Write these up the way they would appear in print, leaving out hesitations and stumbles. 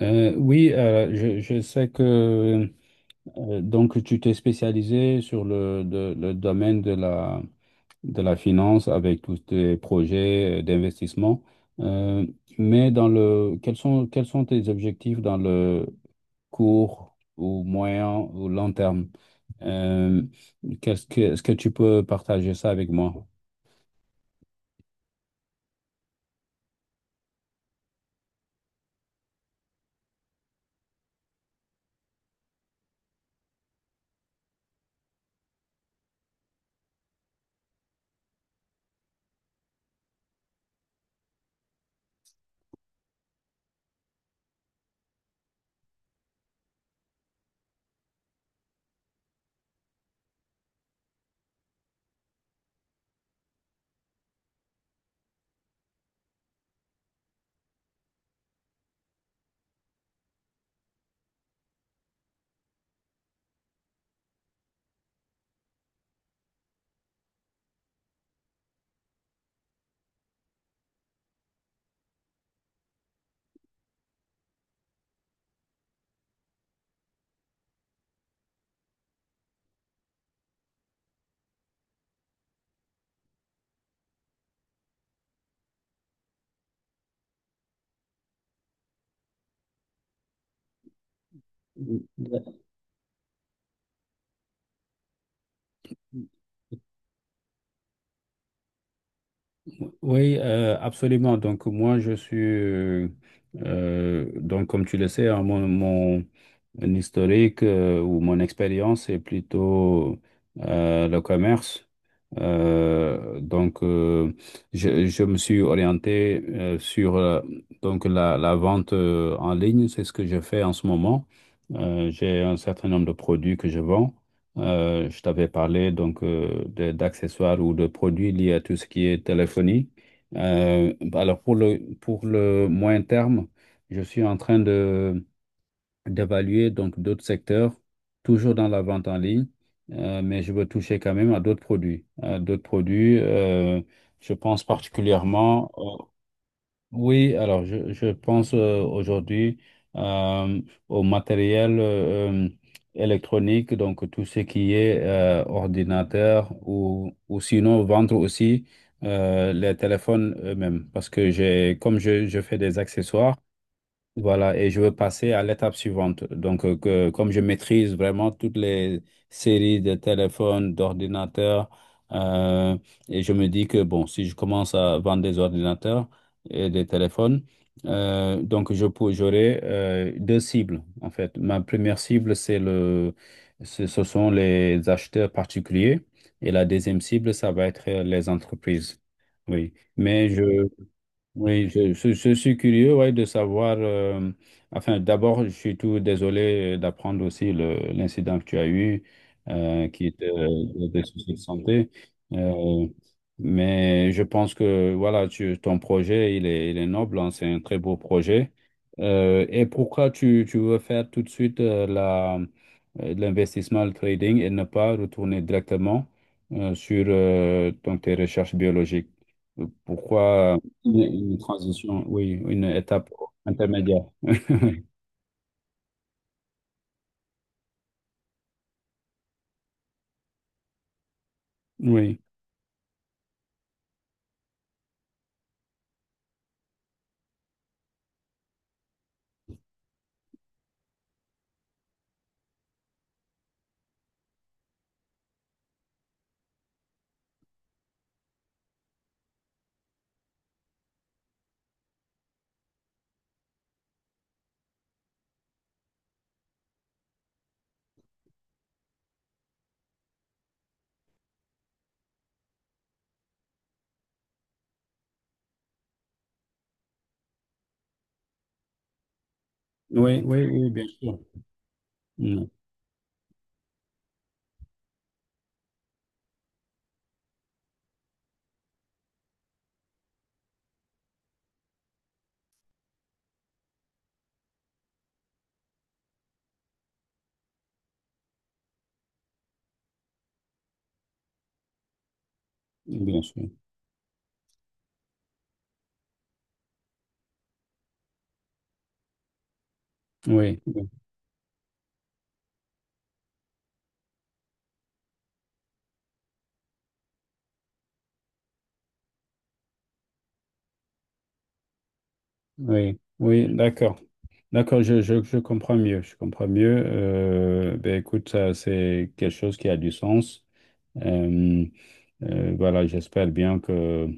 Oui, je sais que donc tu t'es spécialisé sur le domaine de la finance avec tous tes projets d'investissement. Euh, mais dans le, quels sont tes objectifs dans le court ou moyen ou long terme? Euh, Est-ce que tu peux partager ça avec moi? Oui, absolument. Donc moi, donc comme tu le sais, hein, mon historique ou mon expérience est plutôt le commerce. Euh, donc, euh, je me suis orienté sur donc la vente en ligne. C'est ce que je fais en ce moment. J'ai un certain nombre de produits que je vends. Je t'avais parlé donc d'accessoires ou de produits liés à tout ce qui est téléphonie. Alors pour le moyen terme, je suis en train de d'évaluer donc d'autres secteurs, toujours dans la vente en ligne, mais je veux toucher quand même à d'autres produits. Je pense particulièrement, oui, alors je pense aujourd'hui euh, au matériel électronique, donc tout ce qui est ordinateur ou sinon vendre aussi les téléphones eux-mêmes parce que je fais des accessoires. Voilà, et je veux passer à l'étape suivante. Donc, comme je maîtrise vraiment toutes les séries de téléphones, d'ordinateurs, euh, et je me dis que, bon, si je commence à vendre des ordinateurs et des téléphones, donc j'aurai deux cibles, en fait. Ma première cible, c'est le, ce ce sont les acheteurs particuliers, et la deuxième cible, ça va être les entreprises. Oui, mais je, mhm. Oui, je suis curieux, ouais, de savoir. Enfin, d'abord, je suis tout désolé d'apprendre aussi l'incident que tu as eu, qui était des soucis de santé. Euh, mais je pense que voilà, ton projet, il est noble, hein, c'est un très beau projet. Et pourquoi tu veux faire tout de suite l'investissement, le trading, et ne pas retourner directement sur donc tes recherches biologiques? Pourquoi? Une transition, oui, une étape intermédiaire. Oui, oui, oui, oui, bien sûr. Mm. Bien sûr. Oui, oui, oui, oui, d'accord. D'accord, je comprends mieux. Je comprends mieux. Ben écoute, ça, c'est quelque chose qui a du sens. Euh, voilà, j'espère bien que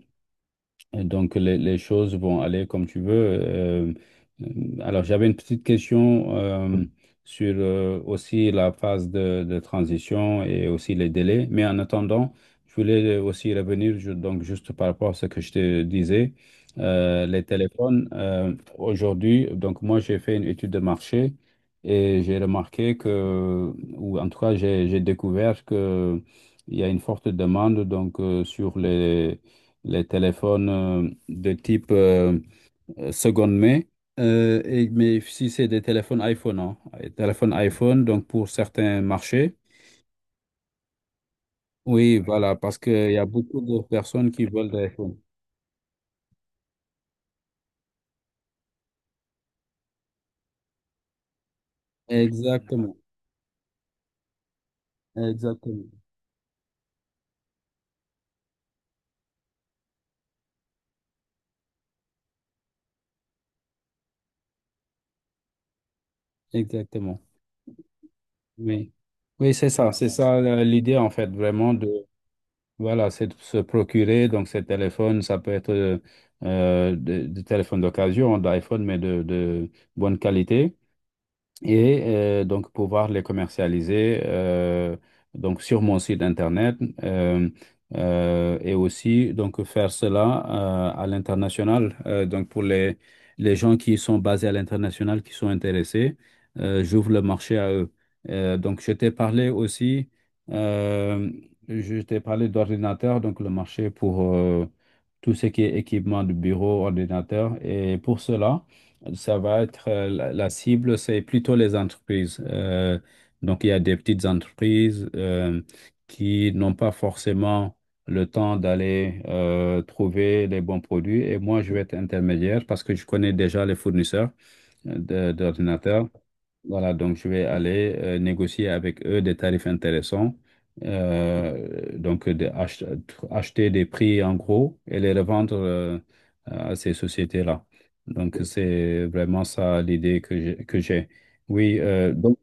et donc, les choses vont aller comme tu veux. Euh, alors, j'avais une petite question sur aussi la phase de transition et aussi les délais. Mais en attendant, je voulais aussi revenir donc juste par rapport à ce que je te disais. Les téléphones, aujourd'hui, donc moi, j'ai fait une étude de marché et j'ai remarqué que, ou en tout cas, j'ai découvert que il y a une forte demande donc sur les téléphones de type seconde main. Mais si c'est des téléphones iPhone, hein, les téléphones iPhone, donc pour certains marchés, oui, voilà, parce qu'il y a beaucoup de personnes qui veulent des iPhones. Exactement, exactement, exactement. Oui, oui, c'est ça, c'est ça, l'idée en fait, vraiment de, voilà, c'est de se procurer donc ces téléphones, ça peut être des téléphones d'occasion, d'iPhone, mais de bonne qualité. Et donc pouvoir les commercialiser donc sur mon site internet, euh, et aussi donc faire cela à l'international. Donc pour les gens qui sont basés à l'international, qui sont intéressés, j'ouvre le marché à eux. Donc je t'ai parlé aussi, euh, je t'ai parlé d'ordinateur, donc le marché pour tout ce qui est équipement de bureau, ordinateur, et pour cela ça va être la cible, c'est plutôt les entreprises. Donc, il y a des petites entreprises qui n'ont pas forcément le temps d'aller trouver les bons produits. Et moi, je vais être intermédiaire parce que je connais déjà les fournisseurs d'ordinateur. Voilà, donc je vais aller négocier avec eux des tarifs intéressants. Euh, donc de ach- Acheter des prix en gros et les revendre à ces sociétés-là. Donc c'est vraiment ça l'idée que j'ai. Oui, donc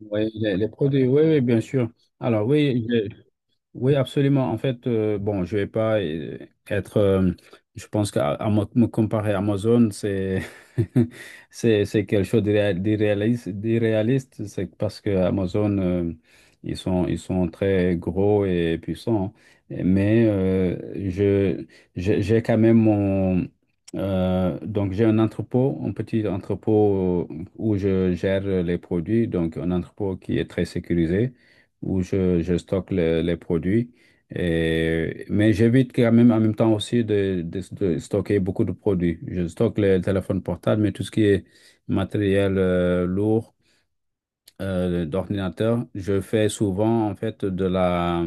ouais, les produits, oui, oui, bien sûr. Alors oui, oui, absolument. En fait, bon, je vais pas être. Je pense qu'à à mo- me comparer à Amazon, c'est c'est quelque chose d'irréaliste. C'est parce que Amazon, ils sont très gros et puissants. Mais je j'ai quand même mon donc j'ai un entrepôt, un petit entrepôt où je gère les produits. Donc un entrepôt qui est très sécurisé où je stocke les produits. Mais j'évite quand même en même temps aussi de stocker beaucoup de produits. Je stocke les téléphones portables, mais tout ce qui est matériel lourd, d'ordinateur. Je fais souvent en fait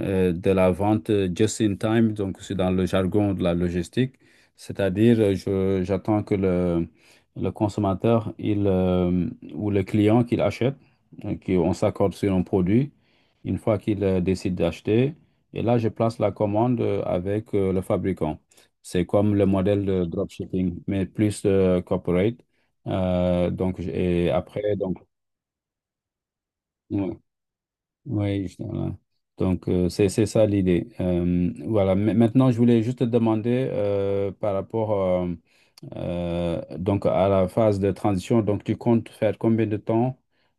de la vente just in time, donc c'est dans le jargon de la logistique, c'est-à-dire j'attends que le consommateur ou le client qu'il achète, qu'on s'accorde sur un produit, une fois qu'il décide d'acheter, et là je place la commande avec le fabricant. C'est comme le modèle de dropshipping, mais plus corporate. Et après, donc, ouais. Oui, justement. Donc, c'est ça l'idée. Voilà. Maintenant, je voulais juste te demander par rapport euh, donc à la phase de transition. Donc, tu comptes faire combien de temps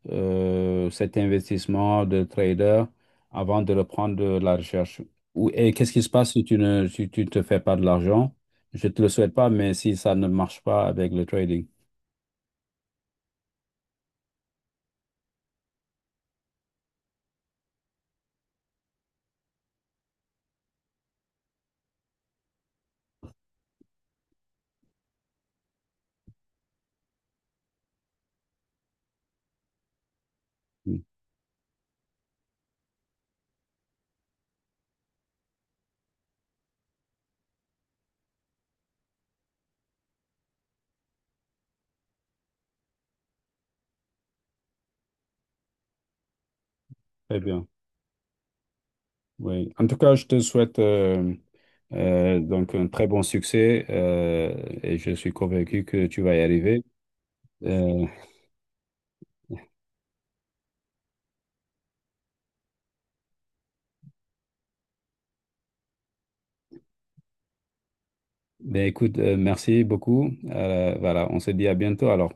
cet investissement de trader avant de reprendre de la recherche? Ou, et qu'est-ce qui se passe si tu ne, si tu te fais pas de l'argent? Je te le souhaite pas, mais si ça ne marche pas avec le trading. Très bien. Oui. En tout cas, je te souhaite donc un très bon succès, et je suis convaincu que tu vas y arriver. Euh, ben écoute, merci beaucoup. Voilà, on se dit à bientôt alors.